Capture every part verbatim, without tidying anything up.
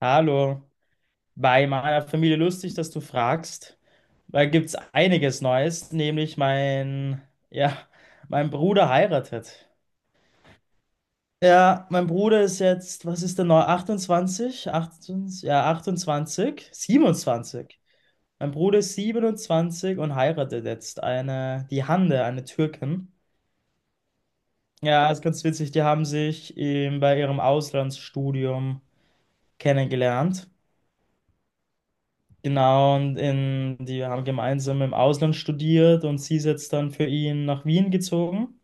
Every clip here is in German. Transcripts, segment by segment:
Hallo, bei meiner Familie lustig, dass du fragst. Da gibt's einiges Neues, nämlich mein, ja, mein Bruder heiratet. Ja, mein Bruder ist jetzt, was ist denn neu? achtundzwanzig? achtundzwanzig? Ja, achtundzwanzig? siebenundzwanzig. Mein Bruder ist siebenundzwanzig und heiratet jetzt eine, die Hande, eine Türkin. Ja, ist ganz witzig. Die haben sich ähm, bei ihrem Auslandsstudium kennengelernt. Genau, und in, die haben gemeinsam im Ausland studiert, und sie ist jetzt dann für ihn nach Wien gezogen.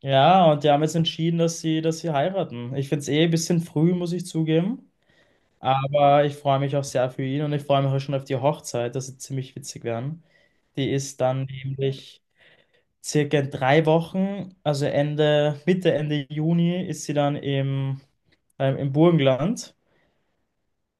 Ja, und die haben jetzt entschieden, dass sie, dass sie heiraten. Ich finde es eh ein bisschen früh, muss ich zugeben. Aber ich freue mich auch sehr für ihn, und ich freue mich auch schon auf die Hochzeit. Das wird ziemlich witzig werden. Die ist dann nämlich circa in drei Wochen, also Ende, Mitte, Ende Juni, ist sie dann im, ähm, im Burgenland,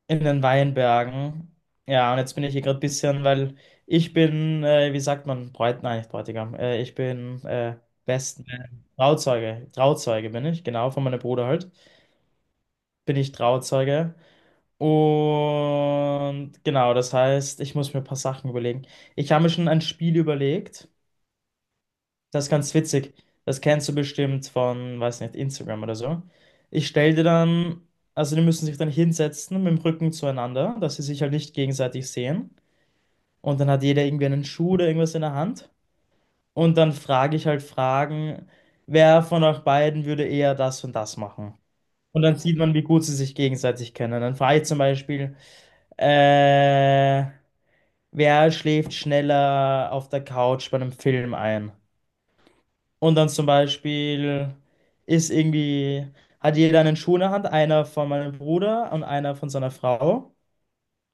in den Weinbergen. Ja, und jetzt bin ich hier gerade ein bisschen, weil ich bin, äh, wie sagt man, Bräut, nein, nicht Bräutigam, äh, ich bin äh, Best, äh, Trauzeuge, Trauzeuge bin ich, genau, von meinem Bruder halt, bin ich Trauzeuge. Und genau, das heißt, ich muss mir ein paar Sachen überlegen. Ich habe mir schon ein Spiel überlegt, das ist ganz witzig, das kennst du bestimmt von, weiß nicht, Instagram oder so. Ich stelle dir dann, also die müssen sich dann hinsetzen mit dem Rücken zueinander, dass sie sich halt nicht gegenseitig sehen. Und dann hat jeder irgendwie einen Schuh oder irgendwas in der Hand. Und dann frage ich halt Fragen, wer von euch beiden würde eher das und das machen? Und dann sieht man, wie gut sie sich gegenseitig kennen. Dann frage ich zum Beispiel, äh, wer schläft schneller auf der Couch bei einem Film ein? Und dann zum Beispiel ist irgendwie, hat jeder einen Schuh in der Hand, einer von meinem Bruder und einer von seiner Frau.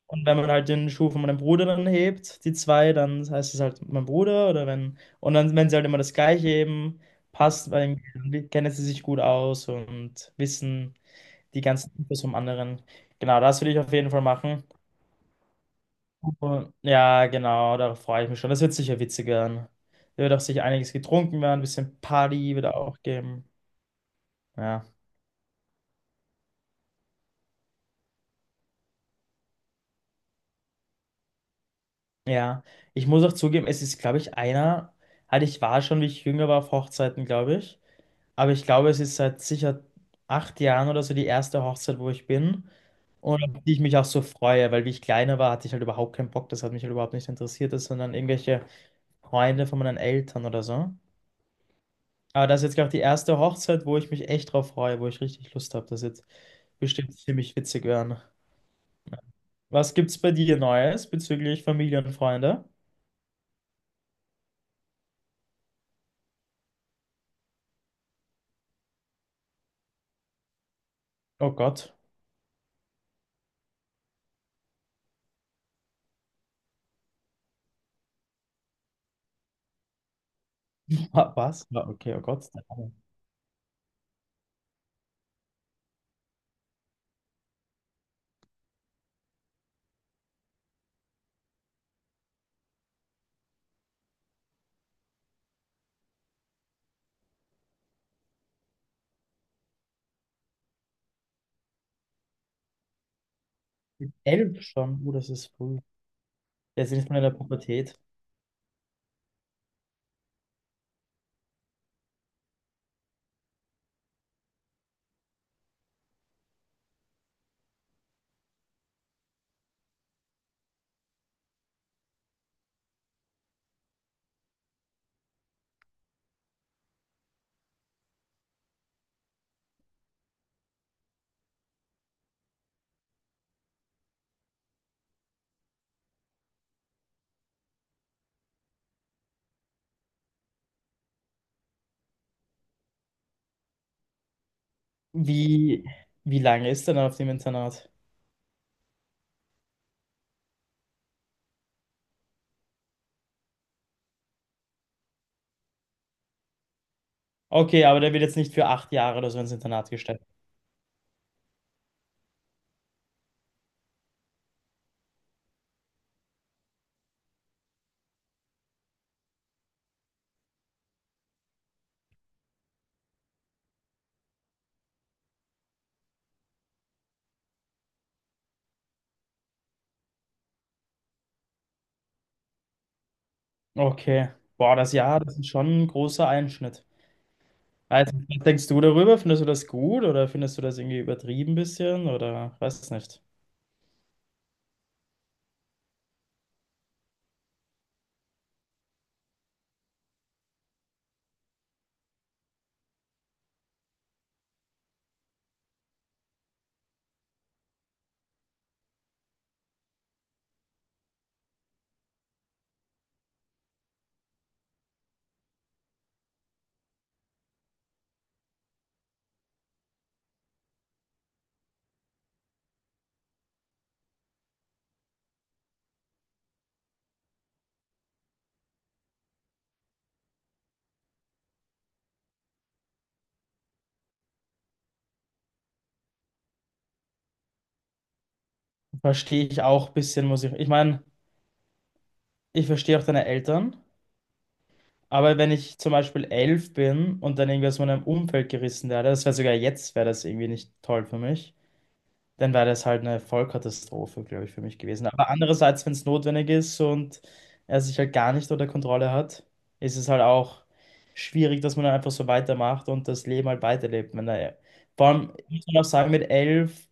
Und wenn man halt den Schuh von meinem Bruder dann hebt, die zwei, dann heißt es halt mein Bruder, oder wenn, und dann, wenn sie halt immer das Gleiche heben, passt, weil dann kennen sie sich gut aus und wissen die ganzen Infos vom anderen. Genau, das würde ich auf jeden Fall machen. Und ja, genau, darauf freue ich mich schon. Das wird sicher witzig werden. Da wird auch sicher einiges getrunken werden, ein bisschen Party wird auch geben. Ja, ja. Ich muss auch zugeben, es ist, glaube ich, einer, halt ich war schon, wie ich jünger war, auf Hochzeiten, glaube ich. Aber ich glaube, es ist seit sicher acht Jahren oder so die erste Hochzeit, wo ich bin und auf die ich mich auch so freue, weil wie ich kleiner war, hatte ich halt überhaupt keinen Bock. Das hat mich halt überhaupt nicht interessiert, das waren dann irgendwelche Freunde von meinen Eltern oder so. Aber das ist jetzt, glaube ich, die erste Hochzeit, wo ich mich echt drauf freue, wo ich richtig Lust habe. Das wird bestimmt ziemlich witzig werden. Was gibt's bei dir Neues bezüglich Familie und Freunde? Oh Gott. Wa- Was? Ja, okay, oh Gott. Elf schon. Oh, das ist früh. Jetzt ist man in der Pubertät. Wie, wie lange ist er denn auf dem Internat? Okay, aber der wird jetzt nicht für acht Jahre oder so ins Internat gestellt. Okay. Boah, das Jahr, das ist schon ein großer Einschnitt. Also, was denkst du darüber? Findest du das gut oder findest du das irgendwie übertrieben bisschen oder weiß es nicht? Verstehe ich auch ein bisschen, muss ich. Ich meine, ich verstehe auch deine Eltern, aber wenn ich zum Beispiel elf bin und dann irgendwie aus meinem Umfeld gerissen werde, das wäre sogar jetzt, wäre das irgendwie nicht toll für mich. Dann wäre das halt eine Vollkatastrophe, glaube ich, für mich gewesen. Aber andererseits, wenn es notwendig ist und er sich halt gar nicht unter Kontrolle hat, ist es halt auch schwierig, dass man dann einfach so weitermacht und das Leben halt weiterlebt. Wenn er, vor allem muss man auch sagen, mit elf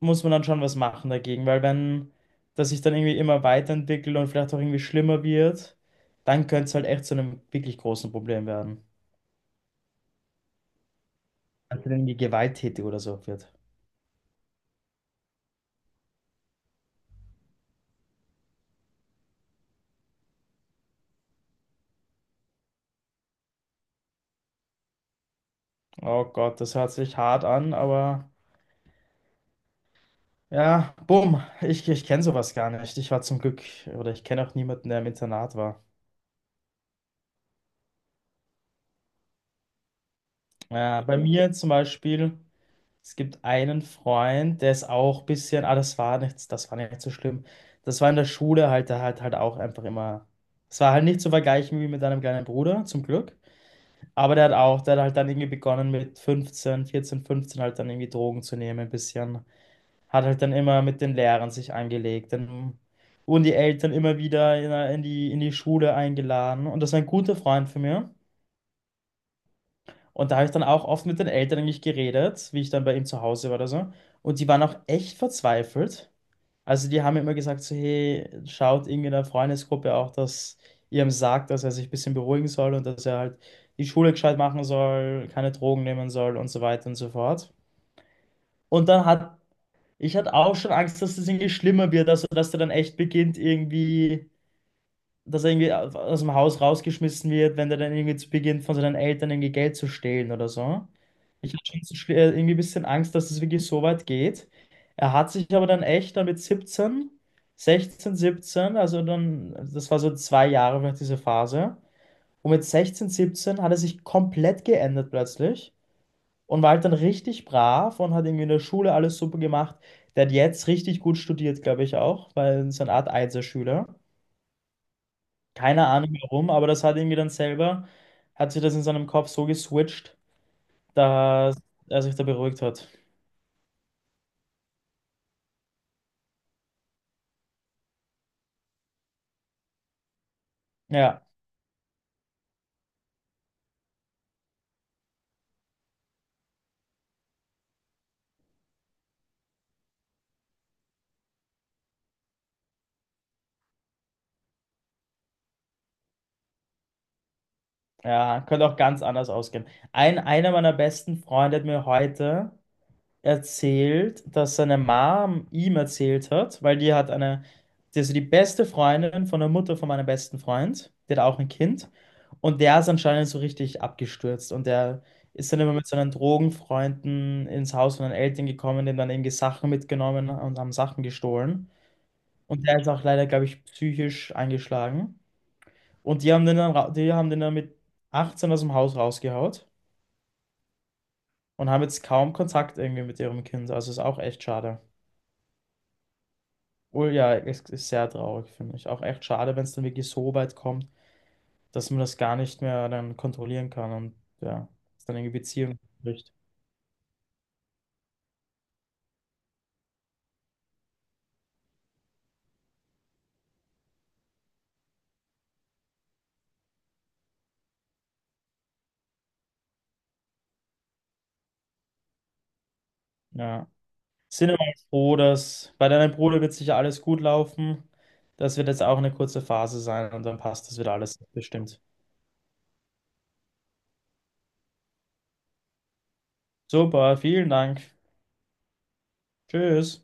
muss man dann schon was machen dagegen, weil wenn das sich dann irgendwie immer weiterentwickelt und vielleicht auch irgendwie schlimmer wird, dann könnte es halt echt zu einem wirklich großen Problem werden. Wenn es dann irgendwie gewalttätig oder so wird. Oh Gott, das hört sich hart an, aber. Ja, bumm. Ich, ich kenne sowas gar nicht. Ich war zum Glück, oder ich kenne auch niemanden, der im Internat war. Ja, bei mir zum Beispiel, es gibt einen Freund, der ist auch ein bisschen, ah, das war nichts, das war nicht so schlimm. Das war in der Schule halt, der hat halt auch einfach immer, es war halt nicht zu vergleichen wie mit deinem kleinen Bruder, zum Glück. Aber der hat auch, der hat halt dann irgendwie begonnen mit fünfzehn, vierzehn, fünfzehn halt dann irgendwie Drogen zu nehmen, ein bisschen. Hat halt dann immer mit den Lehrern sich angelegt. Dann wurden die Eltern immer wieder in in die, in die Schule eingeladen. Und das war ein guter Freund von mir. Und da habe ich dann auch oft mit den Eltern eigentlich geredet, wie ich dann bei ihm zu Hause war oder so. Und die waren auch echt verzweifelt. Also die haben mir immer gesagt, so, hey, schaut irgendwie in der Freundesgruppe auch, dass ihr ihm sagt, dass er sich ein bisschen beruhigen soll und dass er halt die Schule gescheit machen soll, keine Drogen nehmen soll und so weiter und so fort. Und dann hat Ich hatte auch schon Angst, dass das irgendwie schlimmer wird, also dass der dann echt beginnt, irgendwie, dass er irgendwie aus dem Haus rausgeschmissen wird, wenn der dann irgendwie zu- beginnt, von seinen Eltern irgendwie Geld zu stehlen oder so. Ich hatte schon so schl- äh, irgendwie ein bisschen Angst, dass es wirklich so weit geht. Er hat sich aber dann echt dann mit siebzehn, sechzehn, siebzehn, also dann, das war so zwei Jahre vielleicht diese Phase. Und mit sechzehn, siebzehn hat er sich komplett geändert plötzlich und war halt dann richtig brav und hat irgendwie in der Schule alles super gemacht. Der hat jetzt richtig gut studiert, glaube ich auch, weil so eine Art Einserschüler. Keine Ahnung warum, aber das hat irgendwie dann selber, hat sich das in seinem Kopf so geswitcht, dass er sich da beruhigt hat. Ja, ja, könnte auch ganz anders ausgehen. Ein, einer meiner besten Freunde hat mir heute erzählt, dass seine Mom ihm erzählt hat, weil die hat eine, die ist so die beste Freundin von der Mutter von meinem besten Freund, der hat auch ein Kind, und der ist anscheinend so richtig abgestürzt, und der ist dann immer mit seinen Drogenfreunden ins Haus von den Eltern gekommen, denen dann irgendwie Sachen mitgenommen und haben Sachen gestohlen, und der ist auch leider, glaube ich, psychisch eingeschlagen, und die haben den dann, ra- die haben den dann mit achtzehn aus dem Haus rausgehaut und haben jetzt kaum Kontakt irgendwie mit ihrem Kind, also ist auch echt schade. Oh ja, es ist sehr traurig, finde ich. Auch echt schade, wenn es dann wirklich so weit kommt, dass man das gar nicht mehr dann kontrollieren kann und ja, es dann in die Beziehung bricht. Ja. Sind aber jetzt froh, dass bei deinem Bruder wird sicher alles gut laufen. Das wird jetzt auch eine kurze Phase sein und dann passt das wieder alles bestimmt. Super, vielen Dank. Tschüss.